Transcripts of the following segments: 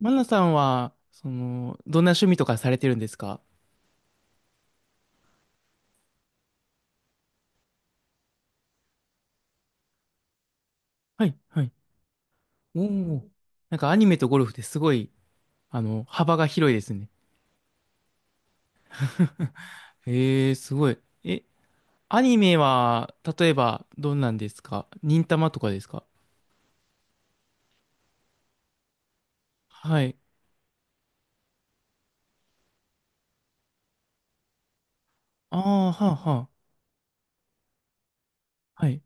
マナさんは、どんな趣味とかされてるんですか？はい、はい。おお。なんかアニメとゴルフってすごい、幅が広いですね。へえ、すごい。え、アニメは、例えば、どんなんですか？忍たまとかですか？はい。ああ、はあ、はあ。はい。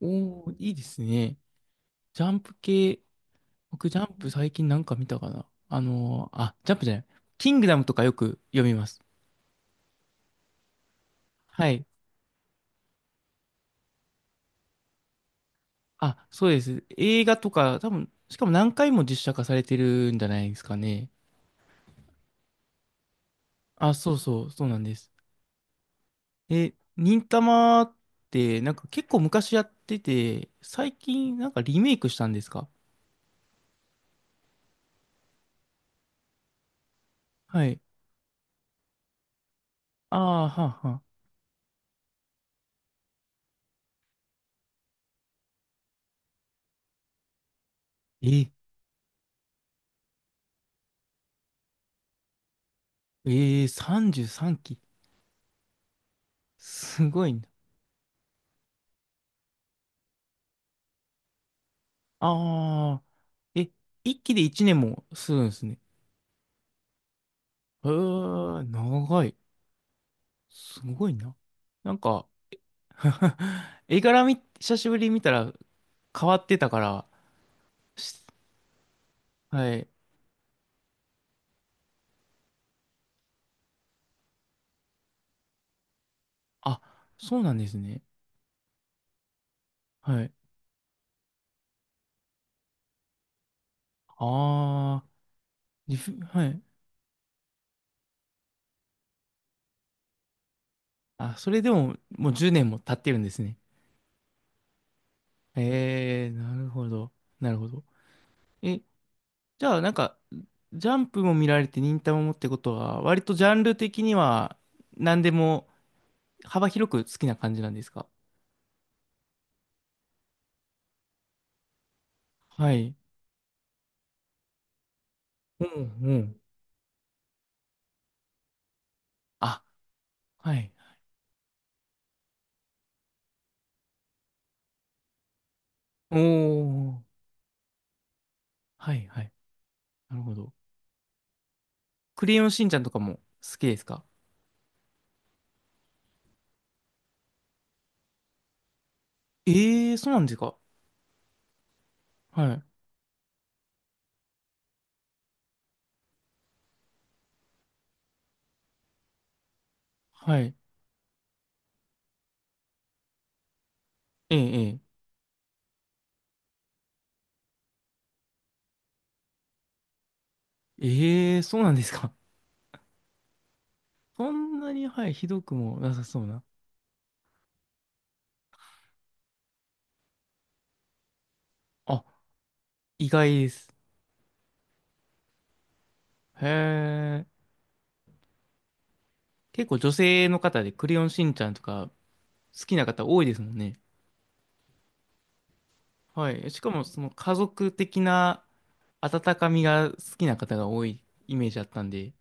おお、いいですね。ジャンプ系、僕ジャンプ最近なんか見たかなあ、ジャンプじゃない。キングダムとかよく読みます。はい。あ、そうです。映画とか、多分、しかも何回も実写化されてるんじゃないですかね。あ、そうそう、そうなんです。え、忍たまって、なんか結構昔やってて、最近なんかリメイクしたんですか？はい。ああ、はあ、はあ。え、33期。すごいな。ああ、え、1期で1年もするんですね。えー、長い。すごいな。なんか、絵柄み、久しぶりに見たら、変わってたから、はい。あ、そうなんですね。はい。ああ、リフ、はい。あ、それでも、もう10年も経ってるんですね。ええ、なるほど。なるほど。え、じゃあ、なんか、ジャンプも見られて、忍たまもってことは、割とジャンル的には、何でも幅広く好きな感じなんですか？はい。うんうん。あ、はい。おー、はいはい。なるほど。クレヨンしんちゃんとかも好きですか？ええー、そうなんですか？はい。はい。ええ、ええ。ええ、そうなんですか。そんなに、はい、ひどくもなさそうな。あ、意外です。へえ。結構女性の方でクレヨンしんちゃんとか好きな方多いですもんね。はい。しかも、その家族的な温かみが好きな方が多いイメージだったんで、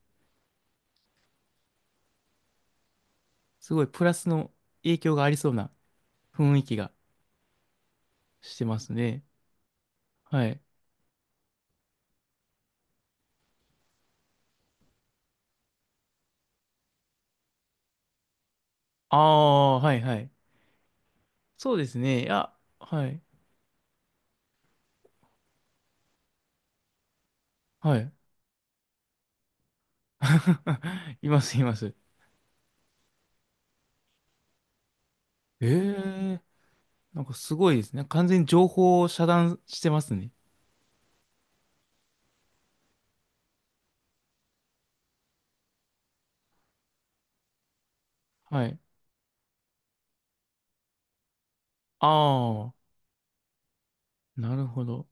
すごいプラスの影響がありそうな雰囲気がしてますね。はい。ああ、はい、はい。そうですね。いや、はい。はい。います、います。ええ、なんかすごいですね。完全に情報を遮断してますね。はい。ああ、なるほど。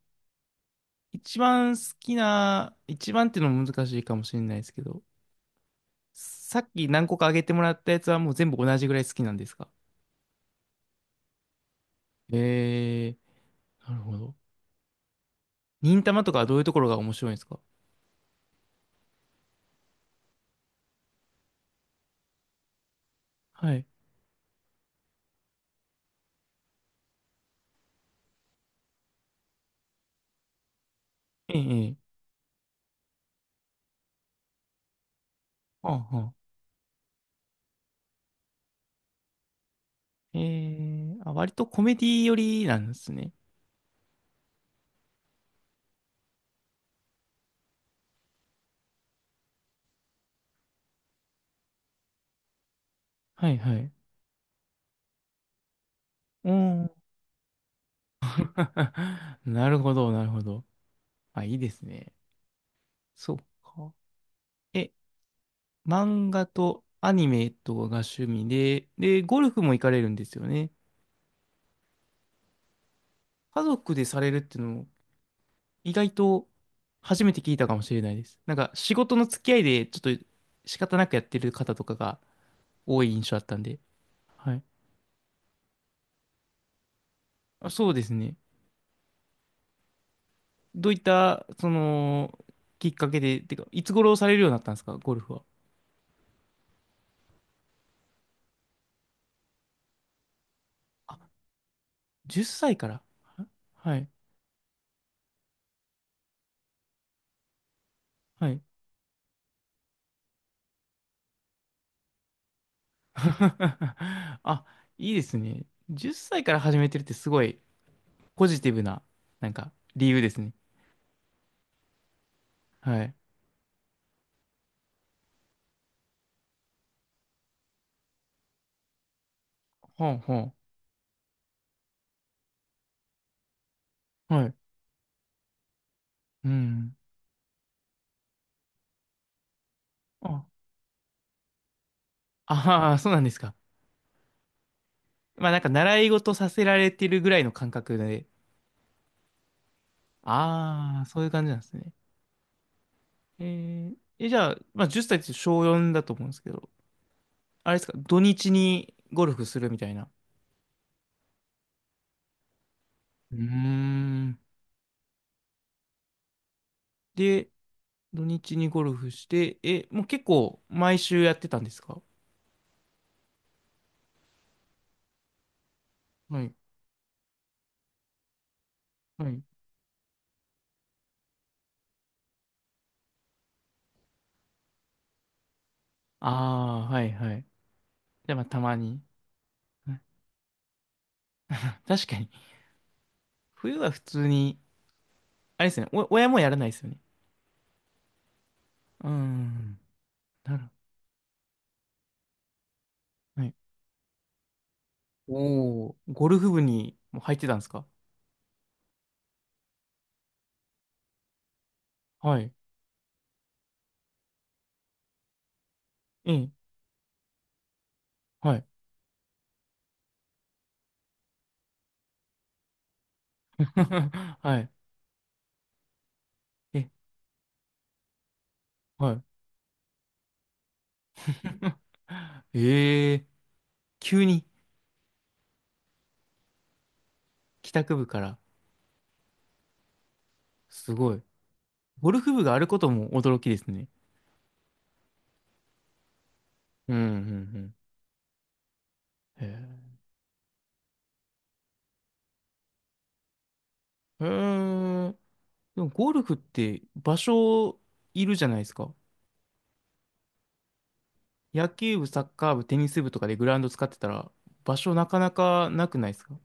一番好きな、一番っていうのも難しいかもしれないですけど、さっき何個か挙げてもらったやつはもう全部同じぐらい好きなんですか？ええー、なるほど。忍たまとかはどういうところが面白いんですか？はい。ええ、ええ。はあ、はあ。ええ、あ、割とコメディ寄りなんですね。はい、はい。うん。なるほど、なるほど。あ、いいですね。そうか。え、漫画とアニメとかが趣味で、ゴルフも行かれるんですよね。家族でされるっていうのも意外と初めて聞いたかもしれないです。なんか仕事の付き合いでちょっと仕方なくやってる方とかが多い印象あったんで。はい。あ、そうですね。どういった、きっかけで、てか、いつ頃されるようになったんですか、ゴルフは。あ、10歳から。はい。はい。あ、いいですね。10歳から始めてるってすごいポジティブな、なんか、理由ですね。はい。ほうほう。はい。うん。ああー、そうなんですか。まあ、なんか、習い事させられてるぐらいの感覚で。ああ、そういう感じなんですね。えー、え、じゃあ、まあ、10歳っさいって小4だと思うんですけど、あれですか、土日にゴルフするみたいな。うーん。で、土日にゴルフして、え、もう結構毎週やってたんですか？はい。はい。ああ、はいはい。じゃあまあたまに。はい、確かに冬は普通に、あれですね、お親もやらないですよね。うーん。なる。はい。おお、ゴルフ部にも入ってたんですか？はい。ええ、はい。はい。え、はい。ええ、急に帰宅部から。すごい。ゴルフ部があることも驚きですね。うん、うん、うん。へえ。へえ。でもゴルフって場所いるじゃないですか。野球部、サッカー部、テニス部とかでグラウンド使ってたら場所なかなかなくないですか？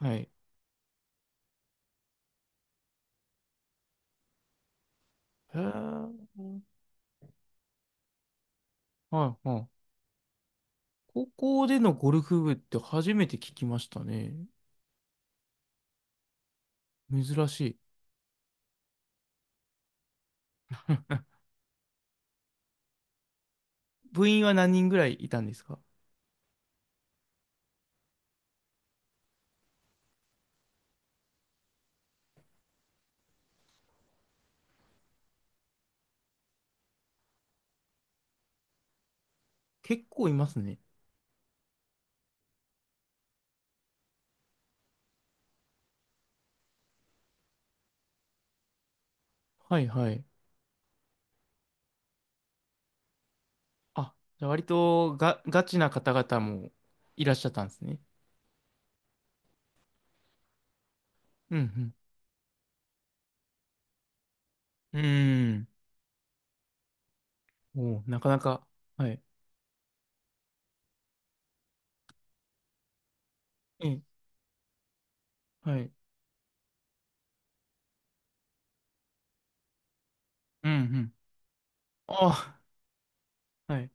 はい。へー、はいはい。高校でのゴルフ部って初めて聞きましたね。珍しい。部員は何人ぐらいいたんですか？結構いますね。はいはい。あ、じゃあ割とガチな方々もいらっしゃったんですね。うんうん。うーん。おー、なかなか。はい。ええ、はい。うんうん。ああ、はい。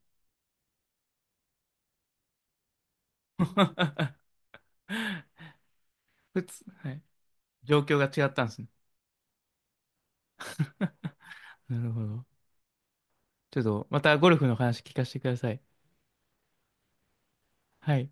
普通、はい。状況が違ったんですね。なるほど。ちょっとまたゴルフの話聞かせてください。はい。